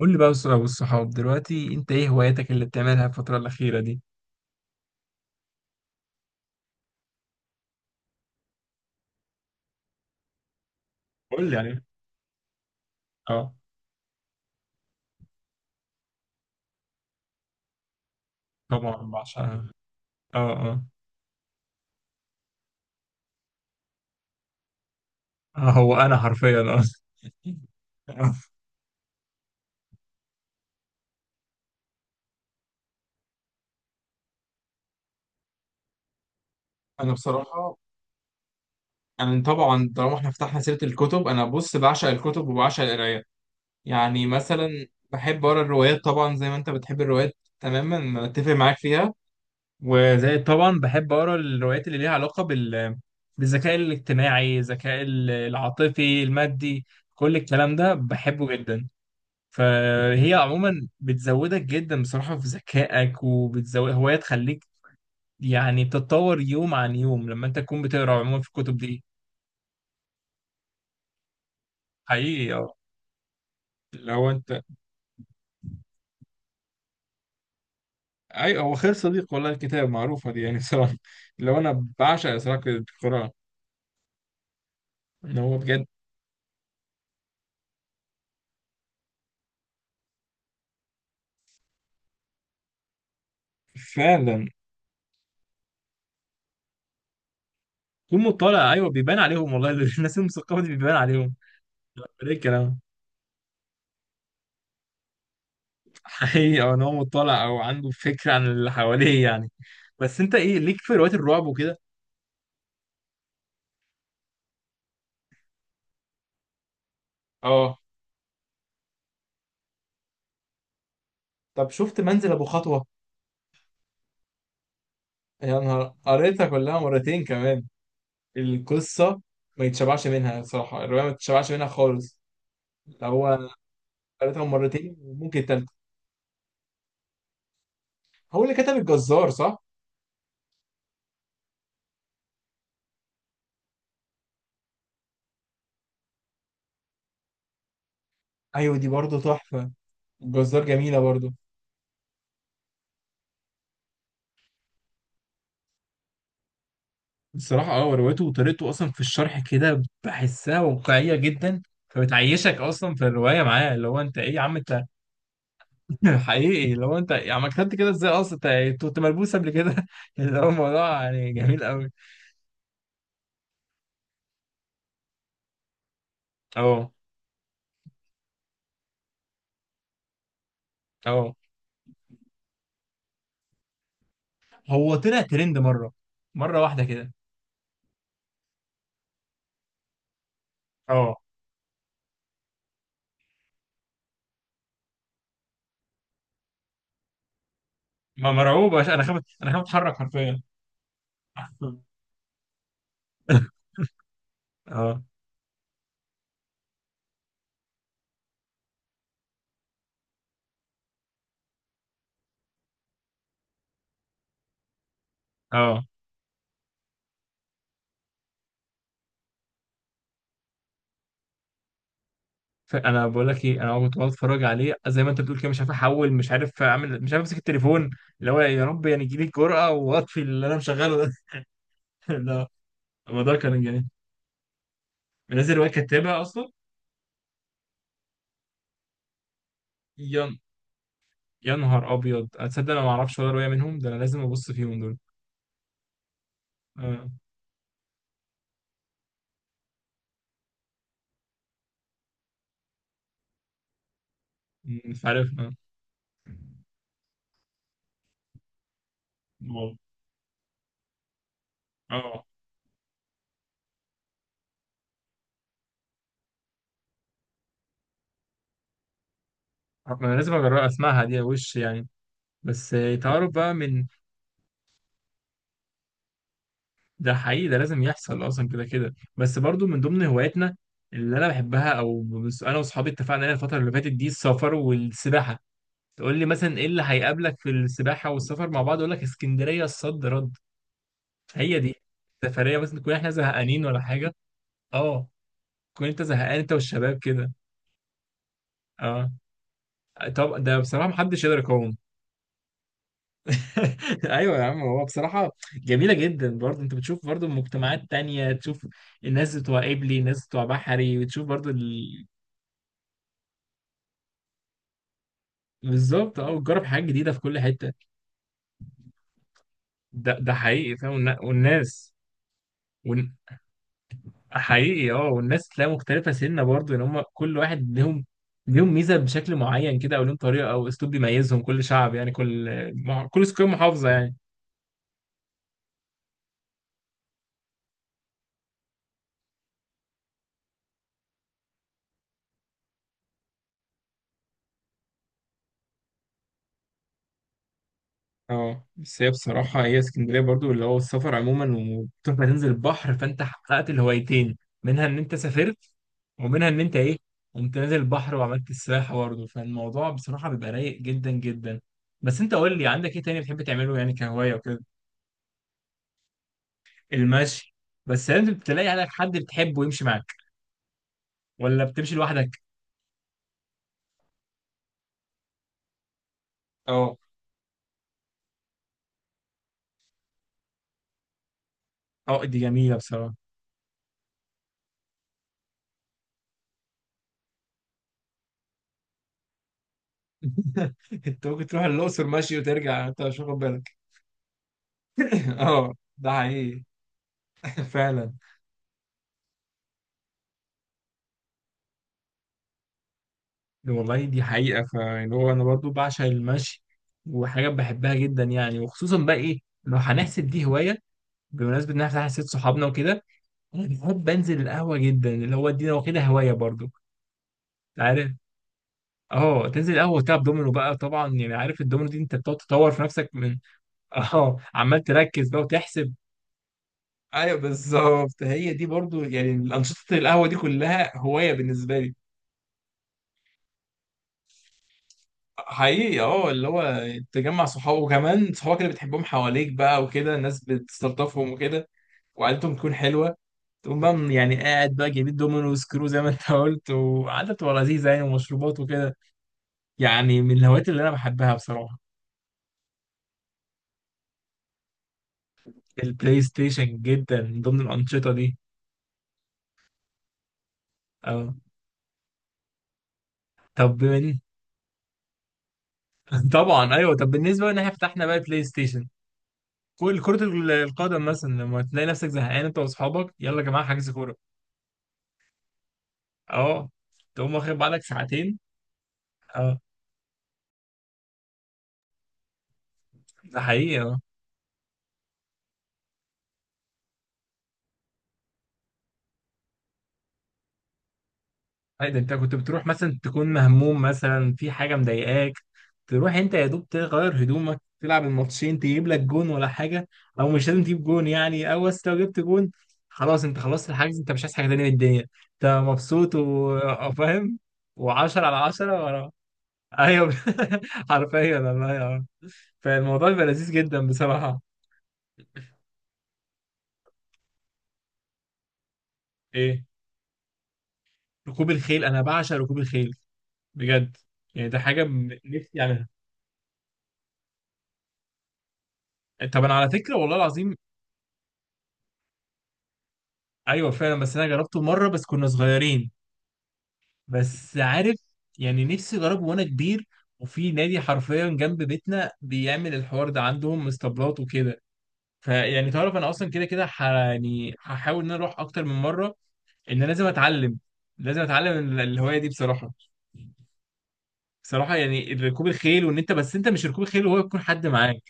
قول لي بقى والصحاب دلوقتي، انت ايه هواياتك اللي بتعملها الفترة الأخيرة دي؟ قول لي يعني اه. طبعا بعشقها. اه. اه. آه، هو انا حرفيا اه. انا بصراحه انا طبعا طالما احنا فتحنا سيره الكتب، انا بص بعشق الكتب وبعشق القرايه. يعني مثلا بحب اقرا الروايات، طبعا زي ما انت بتحب الروايات تماما، أنا اتفق معاك فيها. وزي طبعا بحب اقرا الروايات اللي ليها علاقه بالذكاء الاجتماعي، الذكاء العاطفي المادي. كل الكلام ده بحبه جدا. فهي عموما بتزودك جدا بصراحه في ذكائك، وبتزود هوايه تخليك يعني تتطور يوم عن يوم لما انت تكون بتقرا عموما في الكتب دي. حقيقي اه. لو انت اي، هو خير صديق والله الكتاب، معروفه دي يعني. صراحه لو انا بعشق صراحه القراءه، ان هو بجد فعلا يوم مطلع، ايوه بيبان عليهم والله. الناس المثقفه دي بيبان عليهم. ده الكلام. حقيقي أه، ان هو مطلع او عنده فكره عن اللي حواليه يعني. بس انت ايه ليك في روايات الرعب وكده؟ اه. طب شفت منزل ابو خطوه؟ يا نهار، قريتها كلها مرتين كمان. القصه ما يتشبعش منها صراحه، الروايه ما تتشبعش منها خالص. اللي هو قريتها مرتين وممكن تالتة. هو اللي كتب الجزار صح؟ ايوه دي برضه تحفه، الجزار جميله برضه. الصراحة اه روايته وطريقته أصلا في الشرح كده بحسها واقعية جدا. فبتعيشك أصلا في الرواية معاه، اللي هو أنت إيه يا عم أنت. حقيقي اللي هو أنت يا عم كتبت كده إزاي أصلا؟ أنت أنت كنت ملبوس قبل كده. اللي هو الموضوع يعني جميل أوي. أه. أه. هو طلع ترند مرة، مرة واحدة كده. أه. ما مرعوب يا باشا، أنا خايف أنا خايف أتحرك حرفيا. أه. أه. فانا بقول لك ايه، انا كنت بقعد اتفرج عليه زي ما انت بتقول كده، مش عارف احول، مش عارف اعمل، مش عارف امسك التليفون. اللي هو يا رب يعني تجيلي الجرأة واطفي اللي انا مشغله ده. ده الموضوع كان جميل. منزل روايه كاتبها اصلا. يا يا نهار ابيض، اتصدق انا ما اعرفش ولا روايه منهم؟ ده انا لازم ابص فيهم دول. اه. مش عارف اه. والله. اه ما انا لازم اجرب اسمعها دي وش يعني. بس آه، تعرف بقى من. ده حقيقي، ده لازم يحصل اصلا كده كده. بس برضو من ضمن هواياتنا اللي انا بحبها، او انا واصحابي اتفقنا عليها الفتره اللي فاتت دي، السفر والسباحه. تقول لي مثلا ايه اللي هيقابلك في السباحه والسفر مع بعض؟ اقول لك اسكندريه الصد رد. هي دي سفريه مثلا تكون احنا زهقانين ولا حاجه. اه. تكون انت زهقان انت والشباب كده. اه. طب ده بصراحه محدش يقدر يقاوم. ايوه يا عم، هو بصراحه جميله جدا برضه انت بتشوف برضه مجتمعات تانية، تشوف الناس بتوع قبلي الناس بتوع بحري، وتشوف برضه. بالظبط اه، وتجرب حاجات جديده في كل حته. ده حقيقي فاهم، والناس ون... حقيقي اه. والناس تلاقي مختلفة سنة برضه، ان هم كل واحد ليهم ليهم ميزة بشكل معين كده، او ليهم طريقة او اسلوب بيميزهم، كل شعب يعني، كل كل سكان محافظة يعني. اه بس هي بصراحة، هي اسكندرية برضو اللي هو السفر عموما، وتروح ما تنزل البحر فانت حققت الهوايتين، منها ان انت سافرت، ومنها ان انت ايه، قمت نازل البحر وعملت السباحة برضو. فالموضوع بصراحة بيبقى رايق جدا جدا. بس انت قول لي عندك ايه تاني بتحب تعمله يعني كهواية وكده؟ المشي. بس لازم تلاقي عليك حد بتحبه يمشي معاك. ولا بتمشي لوحدك؟ اه. اه دي جميلة بصراحة. انت ممكن تروح الأقصر ماشي وترجع انت مش واخد بالك. اه ده حقيقي. فعلا. والله دي حقيقة. فاللي هو أنا برضو بعشق المشي، وحاجة بحبها جدا يعني. وخصوصا بقى إيه لو هنحسب دي هواية، بمناسبة إن إحنا حسيت صحابنا وكده، أنا بحب أنزل القهوة جدا. اللي هو دي أنا واخدها هواية برضو. أنت عارف، أه تنزل القهوة وتلعب دومينو بقى طبعا، يعني عارف الدومينو دي أنت بتقعد تطور في نفسك من. أه، عمال تركز بقى وتحسب. أيوه بالظبط، هي دي برضو يعني الأنشطة القهوة دي كلها هواية بالنسبة لي. حقيقي اه. اللي هو تجمع صحابه، وكمان صحابك اللي بتحبهم حواليك بقى وكده، الناس بتستلطفهم وكده، وقعدتهم تكون حلوة. تقوم بقى يعني قاعد بقى جايبين دومينو وسكرو زي ما انت قلت، وقعدة بتبقى لذيذة يعني، ومشروبات وكده. يعني من الهوايات اللي انا بحبها بصراحة. البلاي ستيشن جدا من ضمن الأنشطة دي. اه. طب طبعا ايوه، طب بالنسبة ان احنا فتحنا بقى البلاي ستيشن، كل كرة القدم مثلا، لما تلاقي نفسك زهقان انت واصحابك، يلا يا جماعة حجز كورة. اه. تقوم واخد بعدك ساعتين. آه. ده حقيقي اه. أي ده انت كنت بتروح مثلا تكون مهموم مثلا في حاجه مضايقاك، تروح انت يا دوب تغير هدومك تلعب الماتشين، تجيب لك جون ولا حاجه. او مش لازم تجيب جون يعني. او بس لو جبت جون خلاص، انت خلصت الحجز، انت مش عايز حاجه تانيه من الدنيا، انت مبسوط وفاهم و10 على 10 ورا. ايوه. حرفيا والله اه. فالموضوع بيبقى لذيذ جدا بصراحه. ايه؟ ركوب الخيل! انا بعشق ركوب الخيل بجد. يعني ده حاجه نفسي اعملها. طب انا على فكره والله العظيم، ايوه فعلا. بس انا جربته مره بس كنا صغيرين، بس عارف يعني نفسي اجربه وانا كبير. وفي نادي حرفيا جنب بيتنا بيعمل الحوار ده، عندهم اسطبلات وكده. فيعني تعرف انا اصلا كده كده يعني هحاول ان انا اروح اكتر من مره. ان أنا لازم اتعلم، لازم اتعلم الهوايه دي بصراحه. بصراحه يعني ركوب الخيل، وان انت بس انت مش ركوب الخيل وهو يكون حد معاك.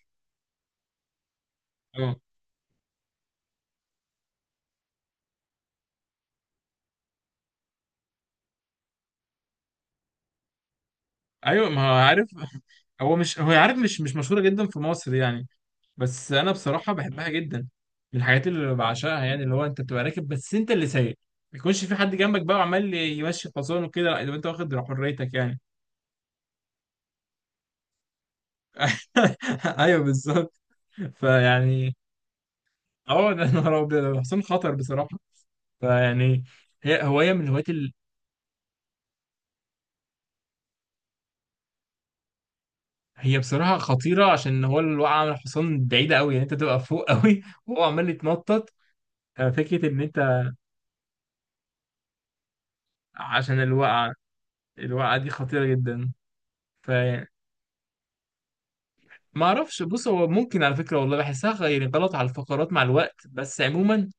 اه. ايوه ما هو عارف، هو مش عارف، مش مشهوره جدا في مصر يعني. بس انا بصراحه بحبها جدا، من الحاجات اللي بعشقها يعني. اللي هو انت بتبقى راكب بس انت اللي سايق، ما يكونش في حد جنبك بقى وعمال يمشي الحصان وكده، لا يبقى انت واخد حريتك يعني. ايوه بالظبط. فيعني اه، ده نهار ابيض، الحصان خطر بصراحه. فيعني هي هوايه من الهوايات هي بصراحه خطيره، عشان هو الوقعه من الحصان بعيده قوي يعني، انت تبقى فوق قوي وهو عمال يتنطط. فكره ان انت، عشان الوقعه، الوقعه دي خطيره جدا. فيعني ما اعرفش، بص هو ممكن على فكره والله بحسها يعني غلط على الفقرات مع الوقت. بس عموما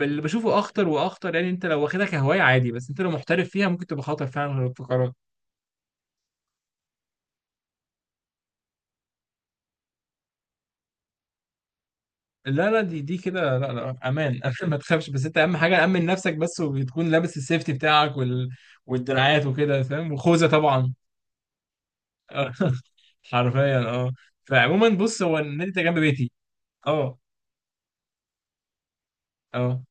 اللي بشوفه اخطر واخطر، يعني انت لو واخدها كهوايه عادي، بس انت لو محترف فيها ممكن تبقى خطر فعلا على الفقرات. لا لا دي دي كده، لا لا امان. امان ما تخافش. بس انت اهم حاجه امن نفسك بس، وتكون لابس السيفتي بتاعك والدراعات وكده فاهم، وخوذه طبعا. حرفيا اه. فعموما بص، هو النادي ده جنب بيتي. اه. اه.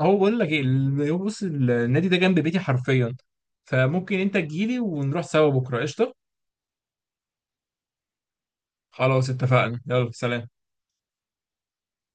هو بقول لك ايه هو بص النادي ده جنب بيتي حرفيا، فممكن انت تجيلي ونروح سوا بكره قشطه. خلاص اتفقنا، يلا سلام.